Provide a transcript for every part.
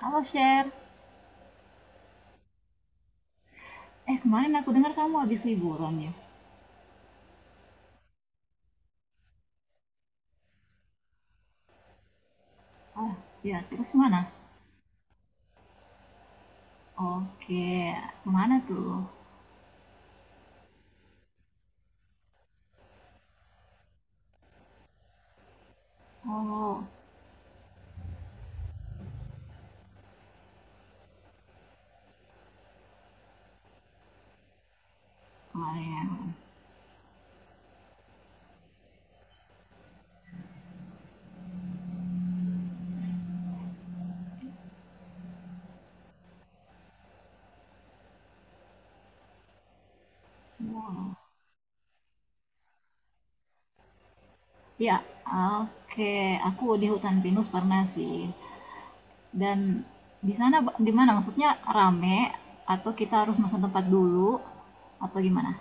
Halo Sher, eh kemarin aku dengar kamu habis liburan ya? Ah, ya terus mana? Oke, kemana tuh? Oh, kemarin. Wow. Ya, oke. Aku di hutan pinus pernah sih. Dan di sana gimana? Maksudnya rame atau kita harus pesan tempat dulu atau gimana?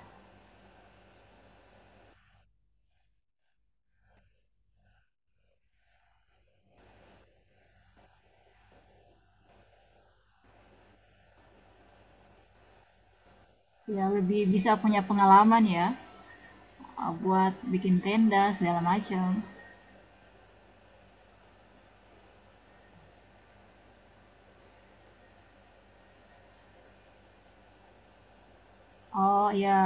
Ya lebih bisa punya pengalaman ya eh, buat bikin tenda segala macam. Oh ya,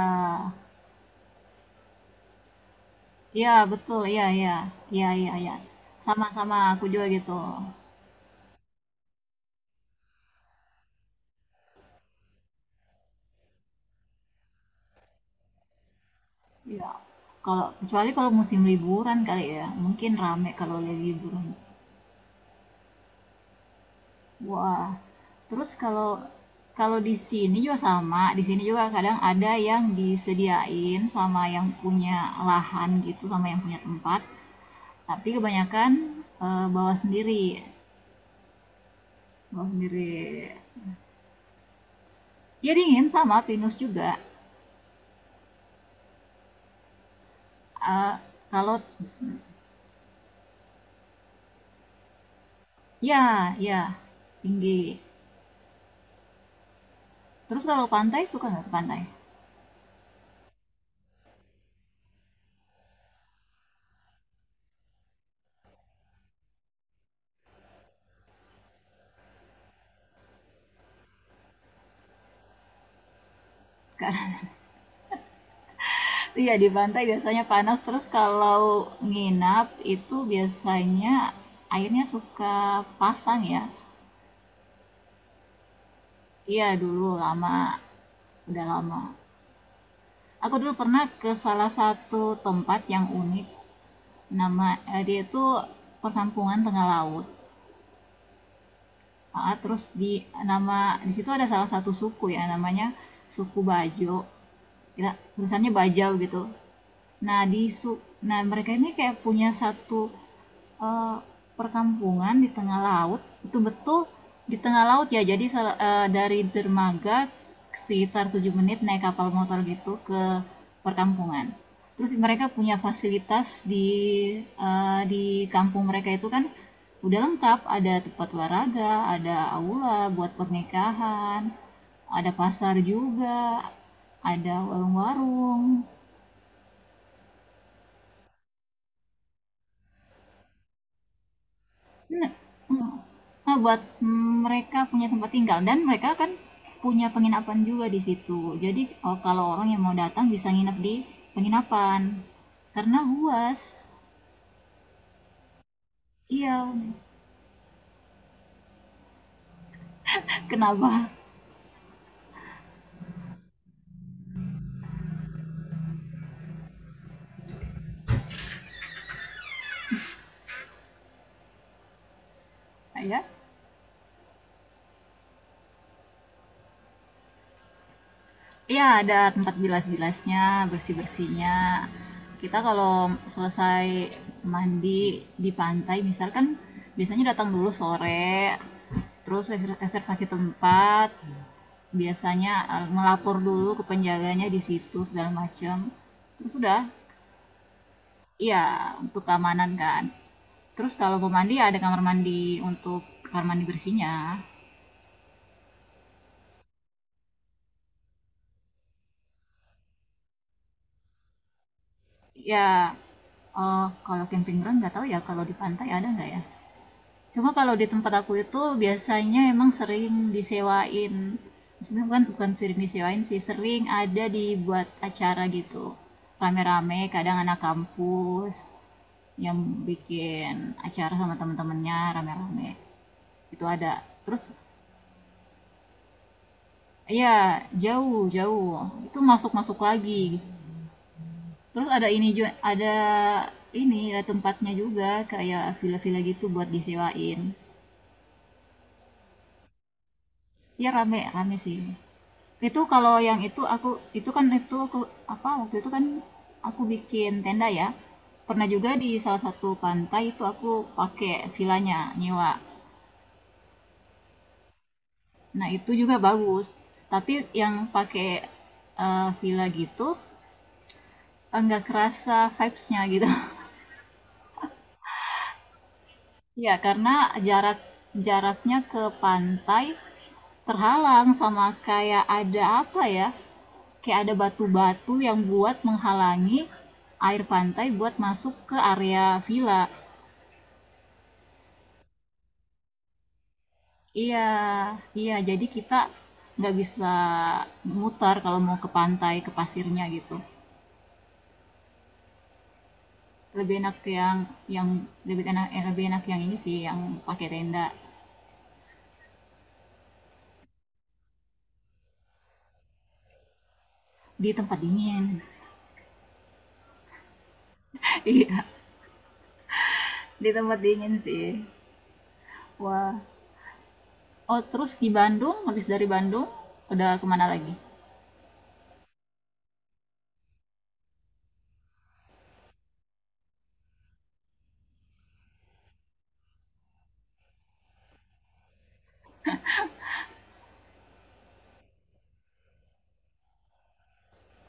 iya, betul, iya iya. Iya iya iya. Sama-sama, aku juga gitu. Iya. Kalau kecuali kalau musim liburan kali ya, mungkin rame kalau lagi liburan. Wah. Terus kalau kalau di sini juga sama, di sini juga kadang ada yang disediain sama yang punya lahan gitu, sama yang punya tempat. Tapi kebanyakan eh, bawa sendiri, bawa sendiri. Ya dingin sama pinus juga. Eh, kalau Ya, ya tinggi. Terus kalau pantai suka nggak ke pantai? Ka- Iya di pantai biasanya panas. Terus kalau nginap itu biasanya airnya suka pasang ya. Iya dulu lama, udah lama. Aku dulu pernah ke salah satu tempat yang unik. Nama Dia itu perkampungan tengah laut. Ah, terus nama di situ ada salah satu suku ya namanya suku Bajo. Ya, tulisannya Bajau gitu. Nah, di su nah mereka ini kayak punya satu, eee, perkampungan di tengah laut, betul-betul di tengah laut ya. Jadi dari dermaga sekitar 7 menit naik kapal motor gitu ke perkampungan. Terus mereka punya fasilitas di kampung mereka itu kan udah lengkap, ada tempat olahraga, ada aula buat pernikahan, ada pasar juga, ada warung-warung. Mmm, mhm. Oh, buat mereka punya tempat tinggal dan mereka kan punya penginapan juga di situ. Jadi, kalau orang yang mau datang bisa nginep di penginapan, karena luas. Iya, kenapa? Iya? Iya, ada tempat bilas-bilasnya, bersih-bersihnya. Kita kalau selesai mandi di pantai misal kan biasanya datang dulu sore, terus reservasi tempat, biasanya eh, melapor dulu ke penjaganya di situ segala macam terus udah. Iya, untuk keamanan kan. Terus kalau mau mandi ya ada kamar mandi, untuk kamar mandi bersihnya ya eh, kalau camping ground nggak tahu ya kalau di pantai ada nggak ya. Cuma kalau di tempat aku itu biasanya emang sering disewain. Maksudnya bukan, bukan sering disewain sih, sering ada dibuat acara gitu. Rame-rame, kadang anak kampus yang bikin acara sama temen-temennya rame-rame. Itu ada. Terus ya jauh, jauh. Itu masuk-masuk lagi. Terus ada ini juga, ada ini ada tempatnya juga kayak villa-villa gitu buat disewain. Iya rame rame sih. Itu kalau yang itu aku, itu kan itu aku apa, waktu itu kan aku bikin tenda ya. Pernah juga di salah satu pantai itu aku pakai vilanya, nyewa. Nah, itu juga bagus. Tapi yang pakai eh, villa gitu enggak kerasa vibes-nya gitu. Ya karena jarak jaraknya ke pantai terhalang sama kayak ada apa ya? Kayak ada batu-batu yang buat menghalangi air pantai buat masuk ke area villa. Iya, iya. Jadi kita nggak bisa mutar kalau mau ke pantai, ke pasirnya gitu. Lebih enak yang lebih enak eh, lebih enak yang ini sih, yang pakai tenda, di tempat dingin. Iya, di tempat dingin sih. Wah. Oh, terus di Bandung, habis dari Bandung, udah kemana lagi?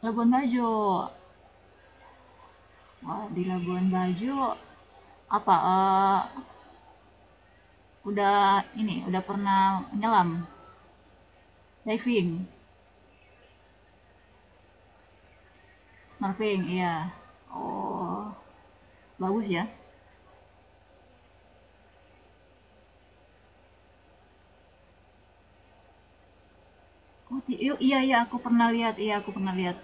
Labuan Bajo. Wah, di Labuan Bajo apa eh, udah ini udah pernah nyelam, diving, snorkeling, iya. Oh, bagus ya. Oh, iya iya iya, aku pernah lihat, iya aku pernah lihat.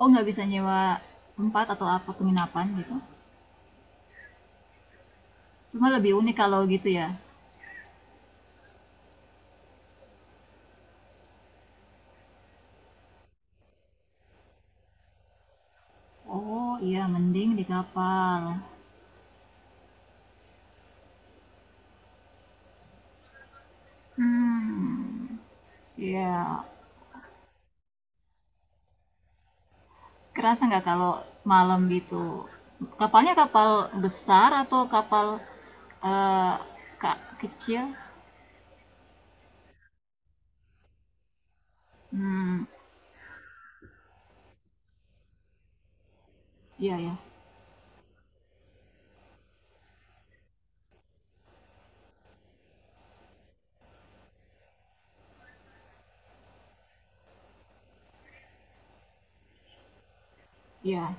Oh, nggak bisa nyewa tempat atau apa penginapan gitu. Cuma lebih unik kalau gitu ya. Oh, iya mending di kapal. Hmm, iya. Kerasa nggak kalau malam gitu? Kapalnya kapal besar atau kapal eh, kecil? Hmm, iya ya, iya.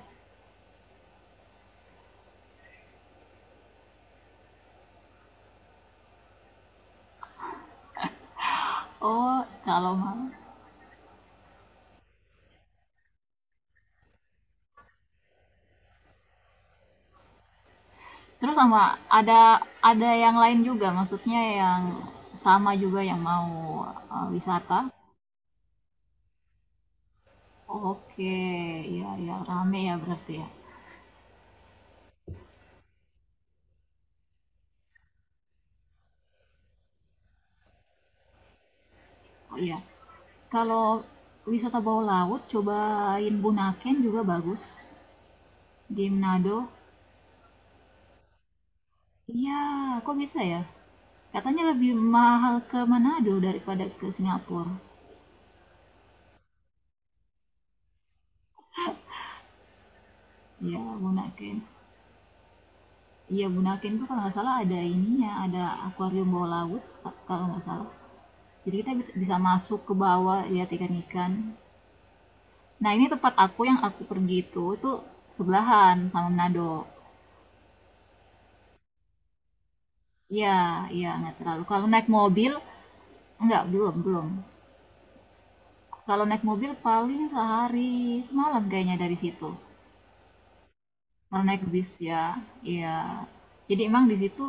Oh, kalau malam. Terus sama ada ada yang lain juga, maksudnya yang sama juga yang mau eh, wisata. Oke, iya ya, rame ya berarti ya. Oh iya. Kalau wisata bawah laut, cobain Bunaken juga bagus, di Manado. Iya, kok bisa ya? Katanya lebih mahal ke Manado daripada ke Singapura. Ya, Bunaken. Iya, Bunaken tuh kalau nggak salah ada ininya, ada akuarium bawah laut, kalau nggak salah. Jadi kita bisa masuk ke bawah lihat ikan-ikan. Nah, ini tempat aku yang aku pergi itu sebelahan sama Manado. Iya, iya, nggak terlalu. Kalau naik mobil, nggak, belum, belum. Kalau naik mobil paling sehari semalam kayaknya dari situ. Oh, naik bis ya. Iya. Jadi emang di situ,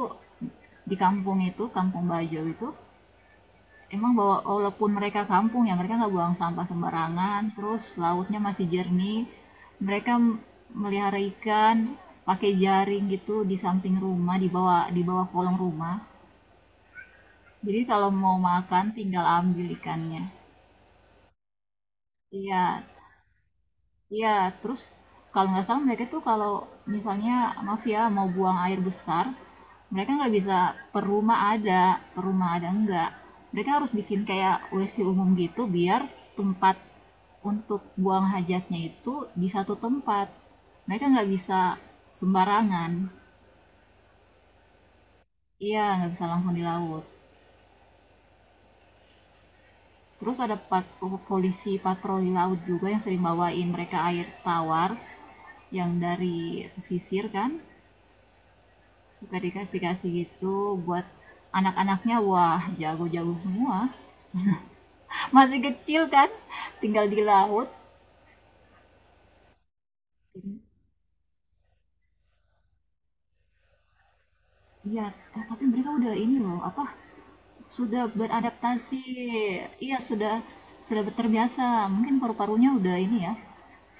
di kampung itu, Kampung Bajo itu emang, bahwa walaupun mereka kampung ya mereka nggak buang sampah sembarangan, terus lautnya masih jernih. Mereka melihara ikan pakai jaring gitu di samping rumah, di bawah kolong rumah. Jadi kalau mau makan tinggal ambil ikannya. Iya, iya, terus kalau nggak salah mereka tuh kalau misalnya maaf ya mau buang air besar, mereka nggak bisa per rumah ada, per rumah ada enggak. Mereka harus bikin kayak WC umum gitu, biar tempat untuk buang hajatnya itu di satu tempat. Mereka nggak bisa sembarangan. Iya, nggak bisa langsung di laut. Terus ada polisi patroli laut juga yang sering bawain mereka air tawar yang dari pesisir kan. Suka dikasih-kasih gitu buat anak-anaknya, wah jago-jago semua. Masih kecil kan, tinggal di laut. Iya, eh, tapi mereka udah ini loh, apa, sudah beradaptasi. Iya, sudah terbiasa. Mungkin paru-parunya udah ini ya,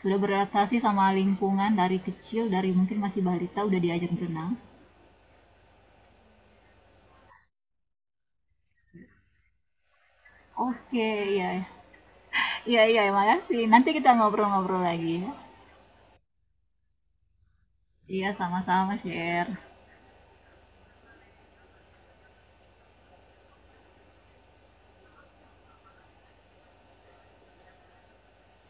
sudah beradaptasi sama lingkungan dari kecil, dari mungkin masih balita udah diajak berenang. Oke, iya. Iya, iya, makasih. Nanti kita ngobrol-ngobrol lagi ya. Iya, sama-sama, share.